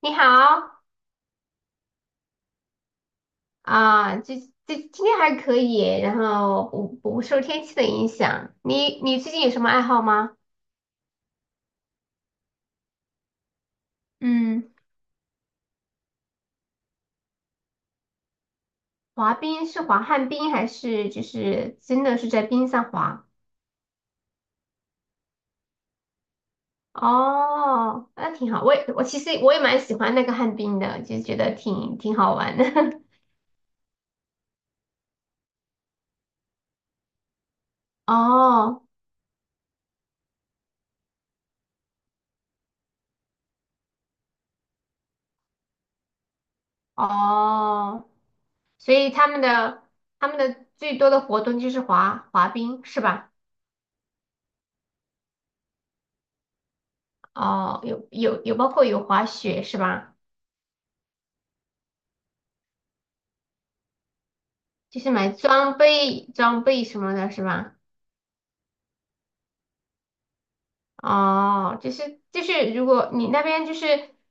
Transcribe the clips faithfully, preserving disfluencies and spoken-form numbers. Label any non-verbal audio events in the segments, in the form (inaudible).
你好。啊，这这今天还可以，然后不不受天气的影响。你你最近有什么爱好吗？嗯。滑冰是滑旱冰还是就是真的是在冰上滑？哦，那挺好。我也我其实我也蛮喜欢那个旱冰的，就觉得挺挺好玩的。(laughs) 哦哦，所以他们的他们的最多的活动就是滑滑冰是吧？哦，有有有包括有滑雪是吧？就是买装备、装备什么的，是吧？哦，就是就是，如果你那边就是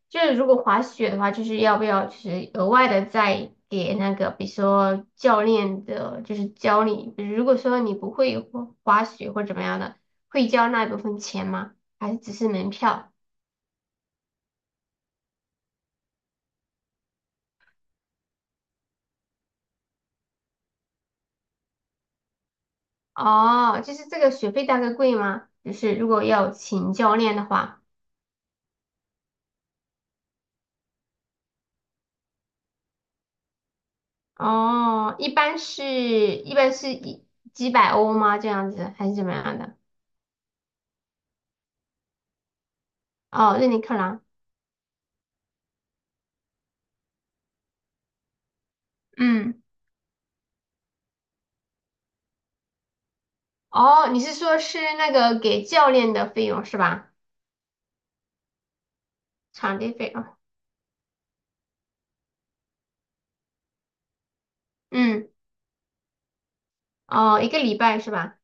就是如果滑雪的话，就是要不要就是额外的再给那个，比如说教练的，就是教你，比如如果说你不会滑滑雪或怎么样的，会交那一部分钱吗？还是只是门票？哦，就是这个学费大概贵吗？就是如果要请教练的话。哦，一般是一般是一。几百欧吗？这样子还是怎么样的？哦，瑞你克朗。嗯，哦，你是说是那个给教练的费用是吧？场地费啊。嗯。哦，一个礼拜是吧？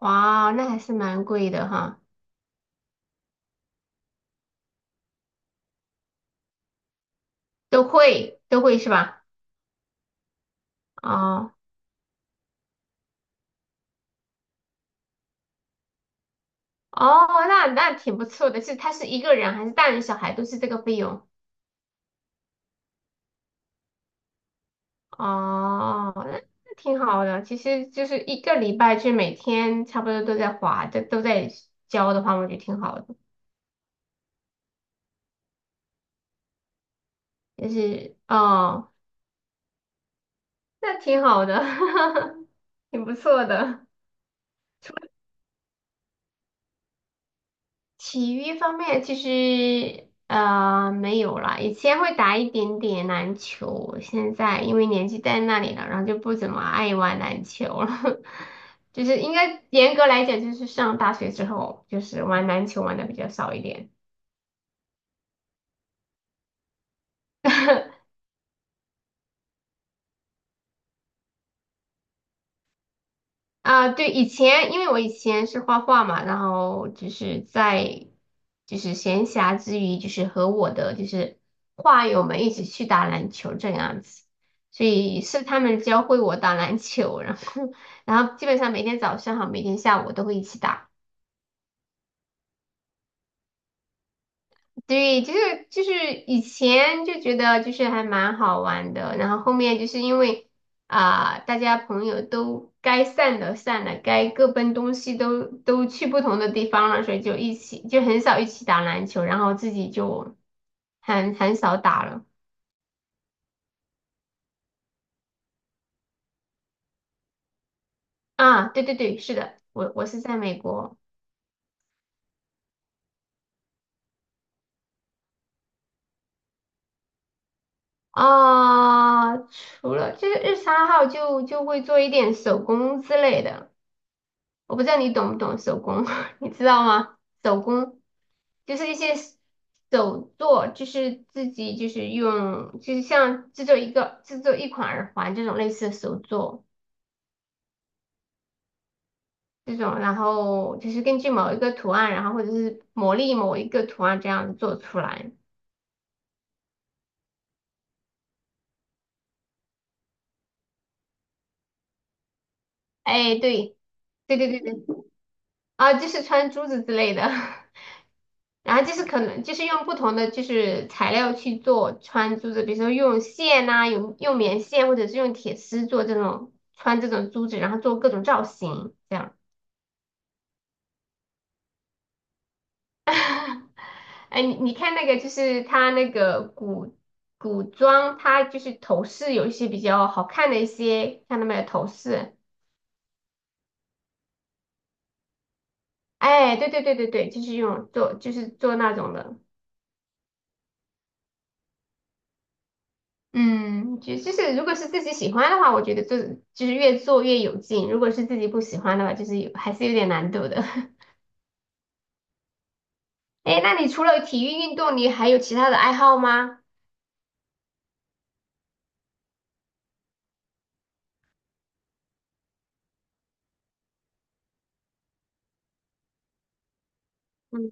哇，那还是蛮贵的哈。都会都会是吧？哦哦，那那挺不错的，是他是一个人还是大人小孩都是这个费用？哦，那那挺好的，其实就是一个礼拜就每天差不多都在花，都都在交的话，我觉得挺好的。就是哦。那挺好的，(laughs) 挺不错的。体育方面其实呃没有啦，以前会打一点点篮球，现在因为年纪在那里了，然后就不怎么爱玩篮球了。(laughs) 就是应该严格来讲，就是上大学之后，就是玩篮球玩的比较少一点。(laughs) 啊，对，以前因为我以前是画画嘛，然后就是在就是闲暇之余，就是和我的就是画友们一起去打篮球这样子，所以是他们教会我打篮球，然后 (laughs) 然后基本上每天早上和每天下午都会一起打。对，就是就是以前就觉得就是还蛮好玩的，然后后面就是因为啊、大家朋友都该散的散了，该各奔东西都都去不同的地方了，所以就一起就很少一起打篮球，然后自己就很很少打了。啊。对对对，是的，我我是在美国。啊、除了就是日常爱好就就会做一点手工之类的。我不知道你懂不懂手工，(laughs) 你知道吗？手工就是一些手作，就是自己就是用，就是像制作一个制作一款耳环这种类似的手作这种，然后就是根据某一个图案，然后或者是磨砺某一个图案这样子做出来。哎，对，对对对对。啊，就是穿珠子之类的。(laughs) 然后就是可能就是用不同的就是材料去做穿珠子，比如说用线呐、用用棉线或者是用铁丝做这种穿这种珠子，然后做各种造型这样。(laughs) 哎，你你看那个就是它那个古古装，它就是头饰有一些比较好看的一些，看到没有头饰？哎，对对对对对，就是用做就是做那种的。嗯，就就是如果是自己喜欢的话，我觉得做就是越做越有劲；如果是自己不喜欢的话，就是有还是有点难度的。(laughs) 哎，那你除了体育运动，你还有其他的爱好吗？嗯。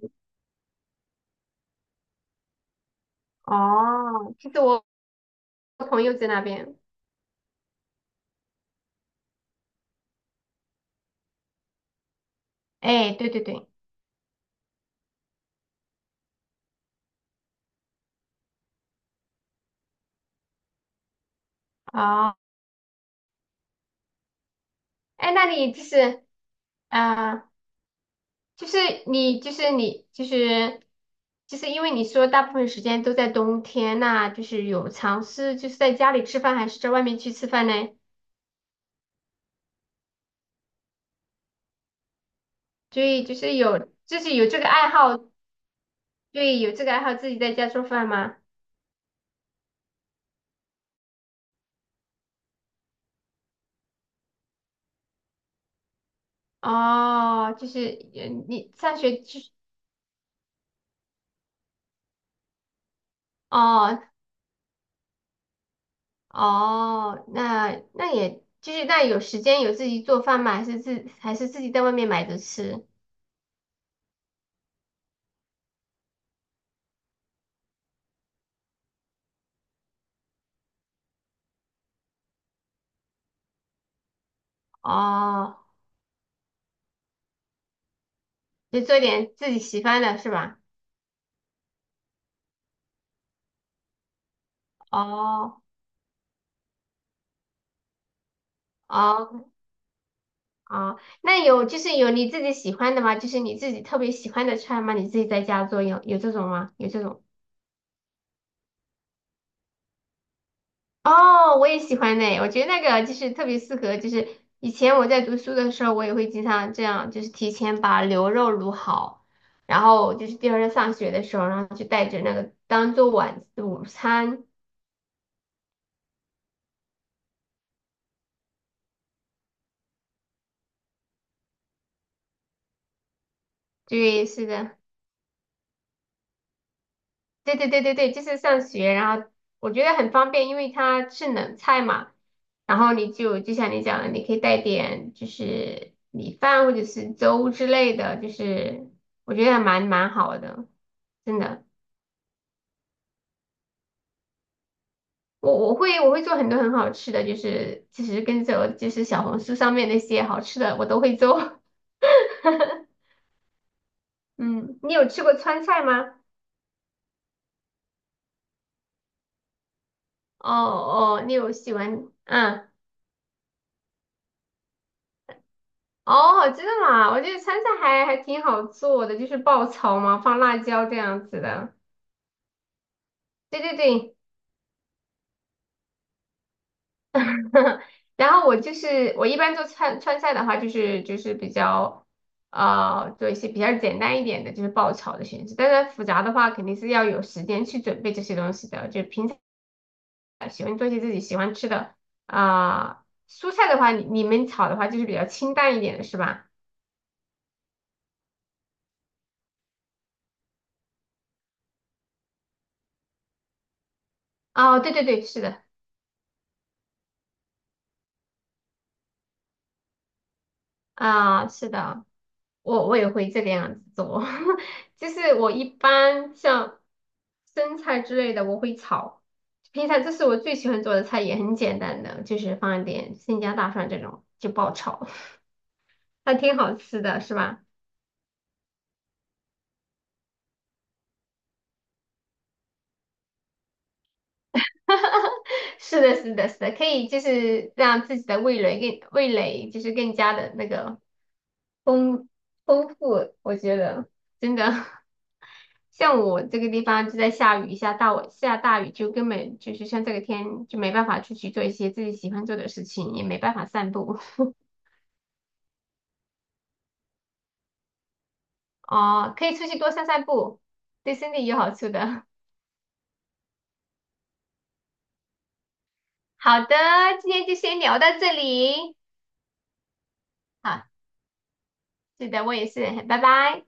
哦，就是我朋友在那边。哎，对对对。哦。哎，那你就是啊呃，就是你就是你就是就是因为你说大部分时间都在冬天，那就是有尝试就是在家里吃饭，还是在外面去吃饭呢？所以就是有，就是有这个爱好，对，有这个爱好自己在家做饭吗？哦，就是呃你上学就是。哦哦，那那也就是那有时间有自己做饭吗？还是自还是自己在外面买着吃？哦，就做点自己喜欢的是吧？哦哦哦，那有就是有你自己喜欢的吗？就是你自己特别喜欢的菜吗？你自己在家做有有这种吗？有这种？哦，我也喜欢呢，我觉得那个就是特别适合，就是以前我在读书的时候，我也会经常这样，就是提前把牛肉卤好，然后就是第二天上学的时候，然后就带着那个当做晚午餐。对，是的，对对对对对，就是上学，然后我觉得很方便，因为它是冷菜嘛，然后你就就像你讲的，你可以带点就是米饭或者是粥之类的，就是我觉得还蛮蛮好的，真的。我我会我会做很多很好吃的，就是其实跟着我就是小红书上面那些好吃的我都会做。(laughs) 嗯，你有吃过川菜吗？哦哦，你有喜欢嗯。哦，真的吗？我觉得川菜还还挺好做的，就是爆炒嘛，放辣椒这样子的。对对对。(laughs) 然后我就是我一般做川川菜的话，就是就是比较啊做一些比较简单一点的，就是爆炒的形式。但是复杂的话，肯定是要有时间去准备这些东西的，就平常。喜欢做一些自己喜欢吃的啊、蔬菜的话，你你们炒的话就是比较清淡一点的是吧？哦，对对对，是的，啊、是的，我我也会这个样子做，(laughs) 就是我一般像生菜之类的我会炒，平常这是我最喜欢做的菜，也很简单的，就是放一点生姜、大蒜这种就爆炒，(laughs) 还挺好吃的，是吧？(laughs) 是的，是的，是的，可以就是让自己的味蕾更味蕾就是更加的那个丰丰富，我觉得真的。(laughs) 像我这个地方就在下雨，下大晚下大雨就根本就是像这个天就没办法出去做一些自己喜欢做的事情，也没办法散步。 (laughs) 哦，可以出去多散散步，对身体有好处的。(laughs) 好的，今天就先聊到这里。好，是的，我也是，拜拜。